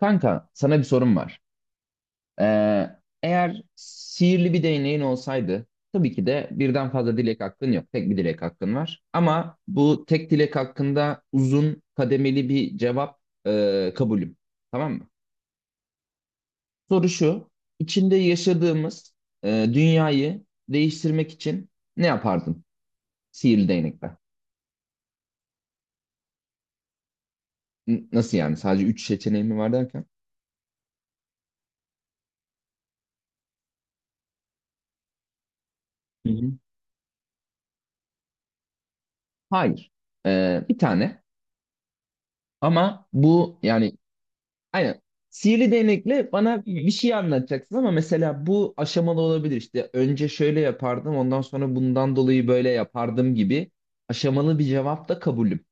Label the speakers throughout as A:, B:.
A: Kanka, sana bir sorum var. Ee, Eğer sihirli bir değneğin olsaydı, tabii ki de birden fazla dilek hakkın yok. Tek bir dilek hakkın var. Ama bu tek dilek hakkında uzun kademeli bir cevap kabulüm. Tamam mı? Soru şu, içinde yaşadığımız e, dünyayı değiştirmek için ne yapardın sihirli değnekle? Nasıl yani? Sadece üç seçeneğim mi var derken? Hı hı. Hayır. Bir tane. Ama bu yani. Aynen. Sihirli değnekle bana bir şey anlatacaksın ama mesela bu aşamalı olabilir işte. Önce şöyle yapardım, ondan sonra bundan dolayı böyle yapardım gibi aşamalı bir cevap da kabulüm.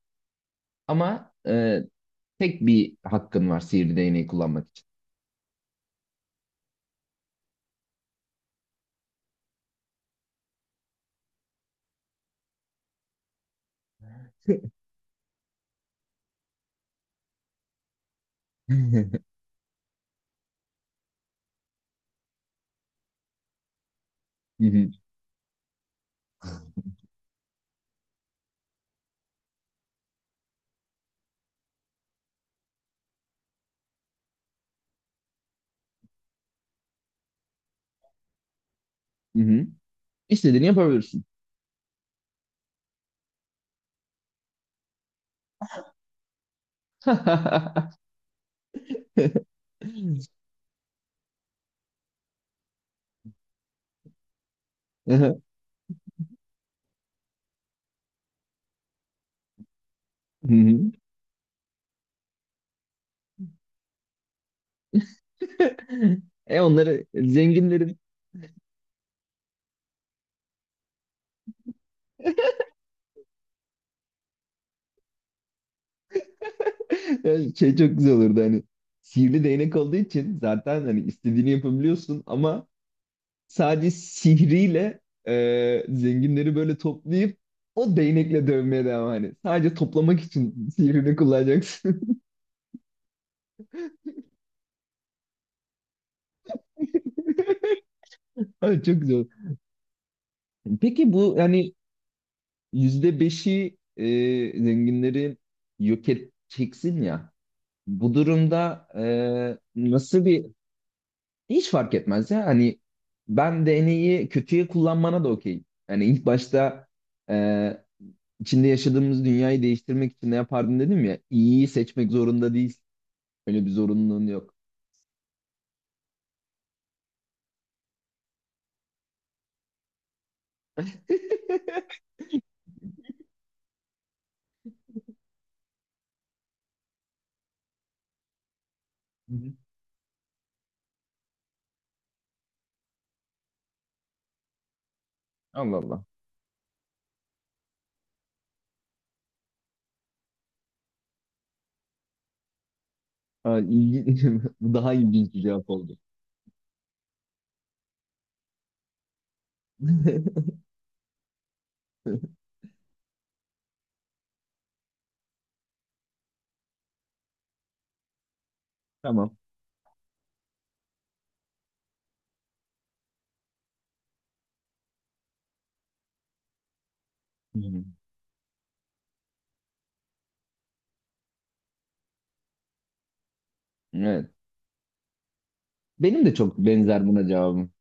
A: Ama tek bir hakkın var sihirli değneği kullanmak için. Hı hı, hı hı. İstediğini yapabilirsin. Hı hı. E onları zenginlerin. Şey çok güzel olurdu hani sihirli değnek olduğu için zaten hani istediğini yapabiliyorsun ama sadece sihriyle zenginleri böyle toplayıp o değnekle dövmeye devam hani. Sadece toplamak için sihrini kullanacaksın. Ay, çok güzel. Peki bu yani yüzde beşi zenginleri yok edeceksin ya. Bu durumda nasıl bir hiç fark etmez ya. Hani ben DNA'yı kötüye kullanmana da okeyim. Yani ilk başta e, içinde yaşadığımız dünyayı değiştirmek için ne yapardın dedim ya. İyiyi seçmek zorunda değilsin. Öyle bir zorunluluğun yok. Hı hı. Allah Allah. Ha, ilginç. Bu daha ilginç bir cevap oldu. Tamam. Hı hı. Evet. Benim de çok benzer buna cevabım.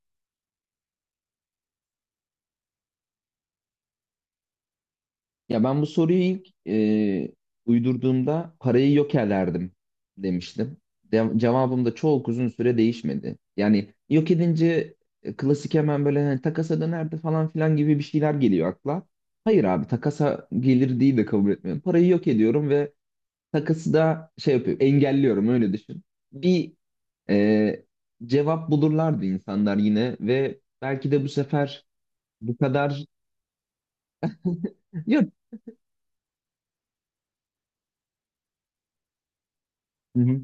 A: Ya ben bu soruyu ilk uydurduğumda parayı yokerlerdim demiştim. Cevabım da çok uzun süre değişmedi. Yani yok edince klasik hemen böyle hani takasa dönerdi falan filan gibi bir şeyler geliyor akla. Hayır abi takasa gelir değil de kabul etmiyorum. Parayı yok ediyorum ve takısı da şey yapıyor, engelliyorum öyle düşün. Bir e, cevap bulurlardı insanlar yine ve belki de bu sefer bu kadar. Yok. Hı hı.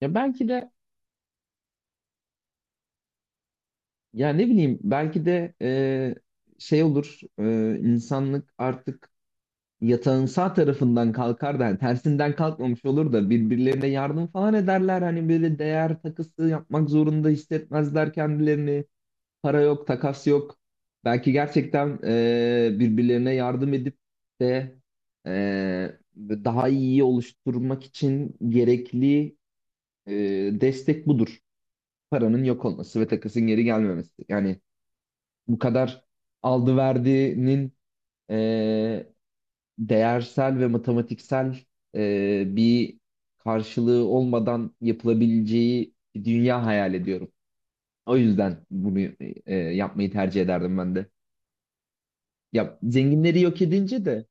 A: Ya belki de ya ne bileyim belki de şey olur insanlık artık yatağın sağ tarafından kalkar da yani tersinden kalkmamış olur da birbirlerine yardım falan ederler hani böyle değer takısı yapmak zorunda hissetmezler kendilerini, para yok, takas yok. Belki gerçekten birbirlerine yardım edip de daha iyi oluşturmak için gerekli e, destek budur. Paranın yok olması ve takasın geri gelmemesi. Yani bu kadar aldı verdinin e, değersel ve matematiksel bir karşılığı olmadan yapılabileceği bir dünya hayal ediyorum. O yüzden bunu yapmayı tercih ederdim ben de. Ya zenginleri yok edince de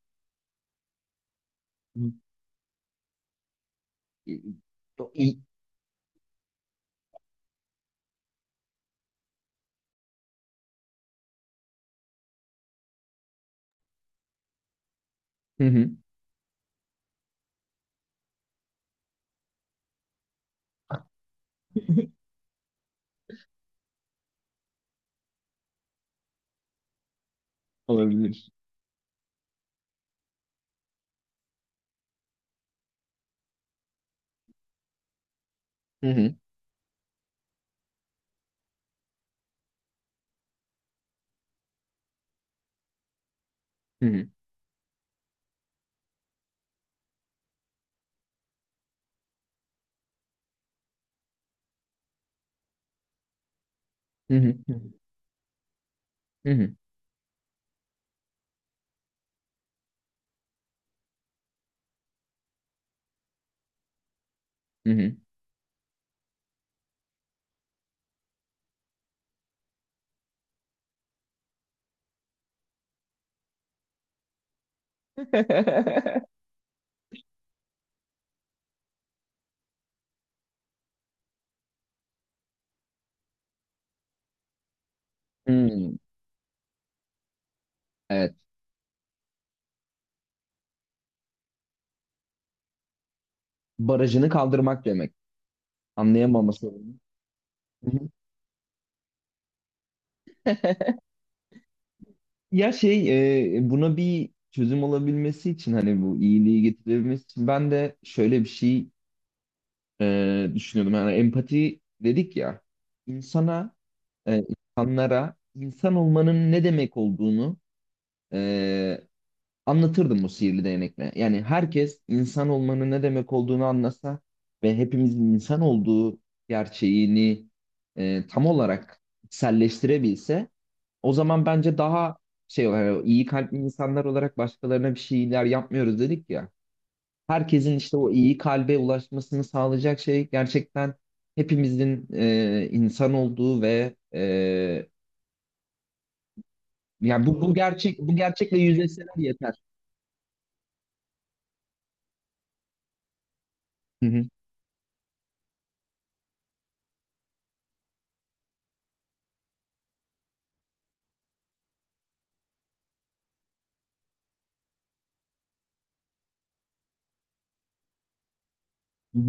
A: hı. i- o iyi- Hı hı. Olabilir. Hı hı. Hı hı. Hı hı. Hı hı. Hı hı. Hmm, evet. Barajını kaldırmak demek. Anlayamama sorunu. Hı hı. Ya şey buna bir çözüm olabilmesi için hani bu iyiliği getirebilmesi için ben de şöyle bir şey düşünüyordum. Yani empati dedik ya insana, e, insanlara insan olmanın ne demek olduğunu e, anlatırdım bu sihirli değnekle. Yani herkes insan olmanın ne demek olduğunu anlasa ve hepimizin insan olduğu gerçeğini tam olarak içselleştirebilse o zaman bence daha şey olarak yani iyi kalpli insanlar olarak başkalarına bir şeyler yapmıyoruz dedik ya. Herkesin işte o iyi kalbe ulaşmasını sağlayacak şey gerçekten hepimizin insan olduğu ve yani bu gerçek bu gerçekle yüzleşseler yeter. Hı hı. Hı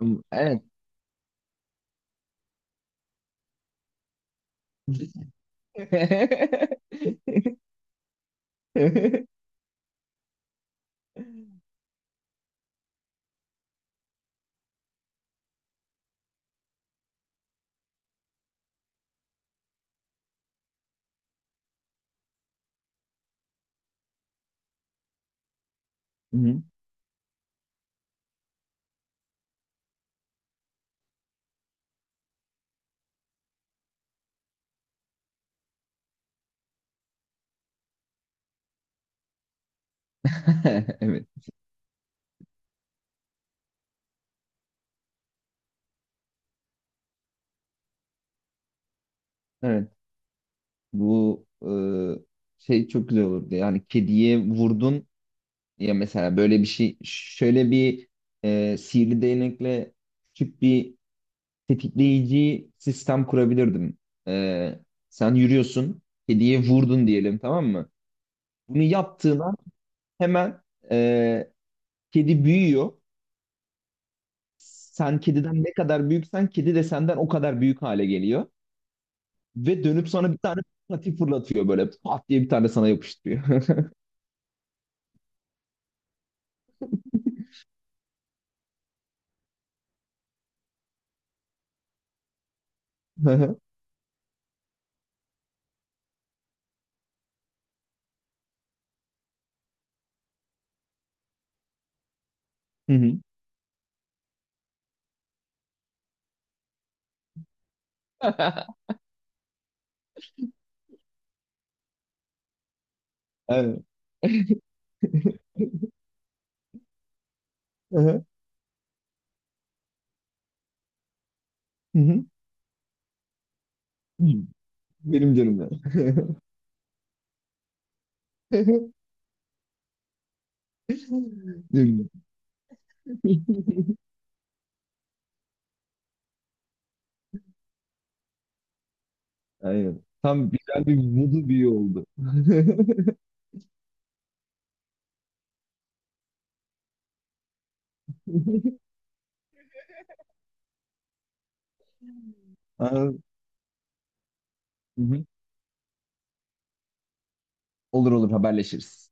A: hı. Evet. Hı. Evet. Evet. Bu şey çok güzel olurdu. Yani kediye vurdun ya mesela böyle bir şey şöyle bir sihirli değnekle küçük bir tetikleyici sistem kurabilirdim. E, Sen yürüyorsun. Kediye vurdun diyelim, tamam mı? Bunu yaptığın hemen e, kedi büyüyor. Sen kediden ne kadar büyüksen kedi de senden o kadar büyük hale geliyor. Ve dönüp sana bir tane pati fırlatıyor böyle. Pat diye bir tane sana yapıştırıyor. Hı hı. Hı hı. Evet. Hı hı. Hı hı. Benim canım ya. Canım. Aynen. Tam güzel bir modu bir oldu. Aa, hı hı. Olur olur, haberleşiriz.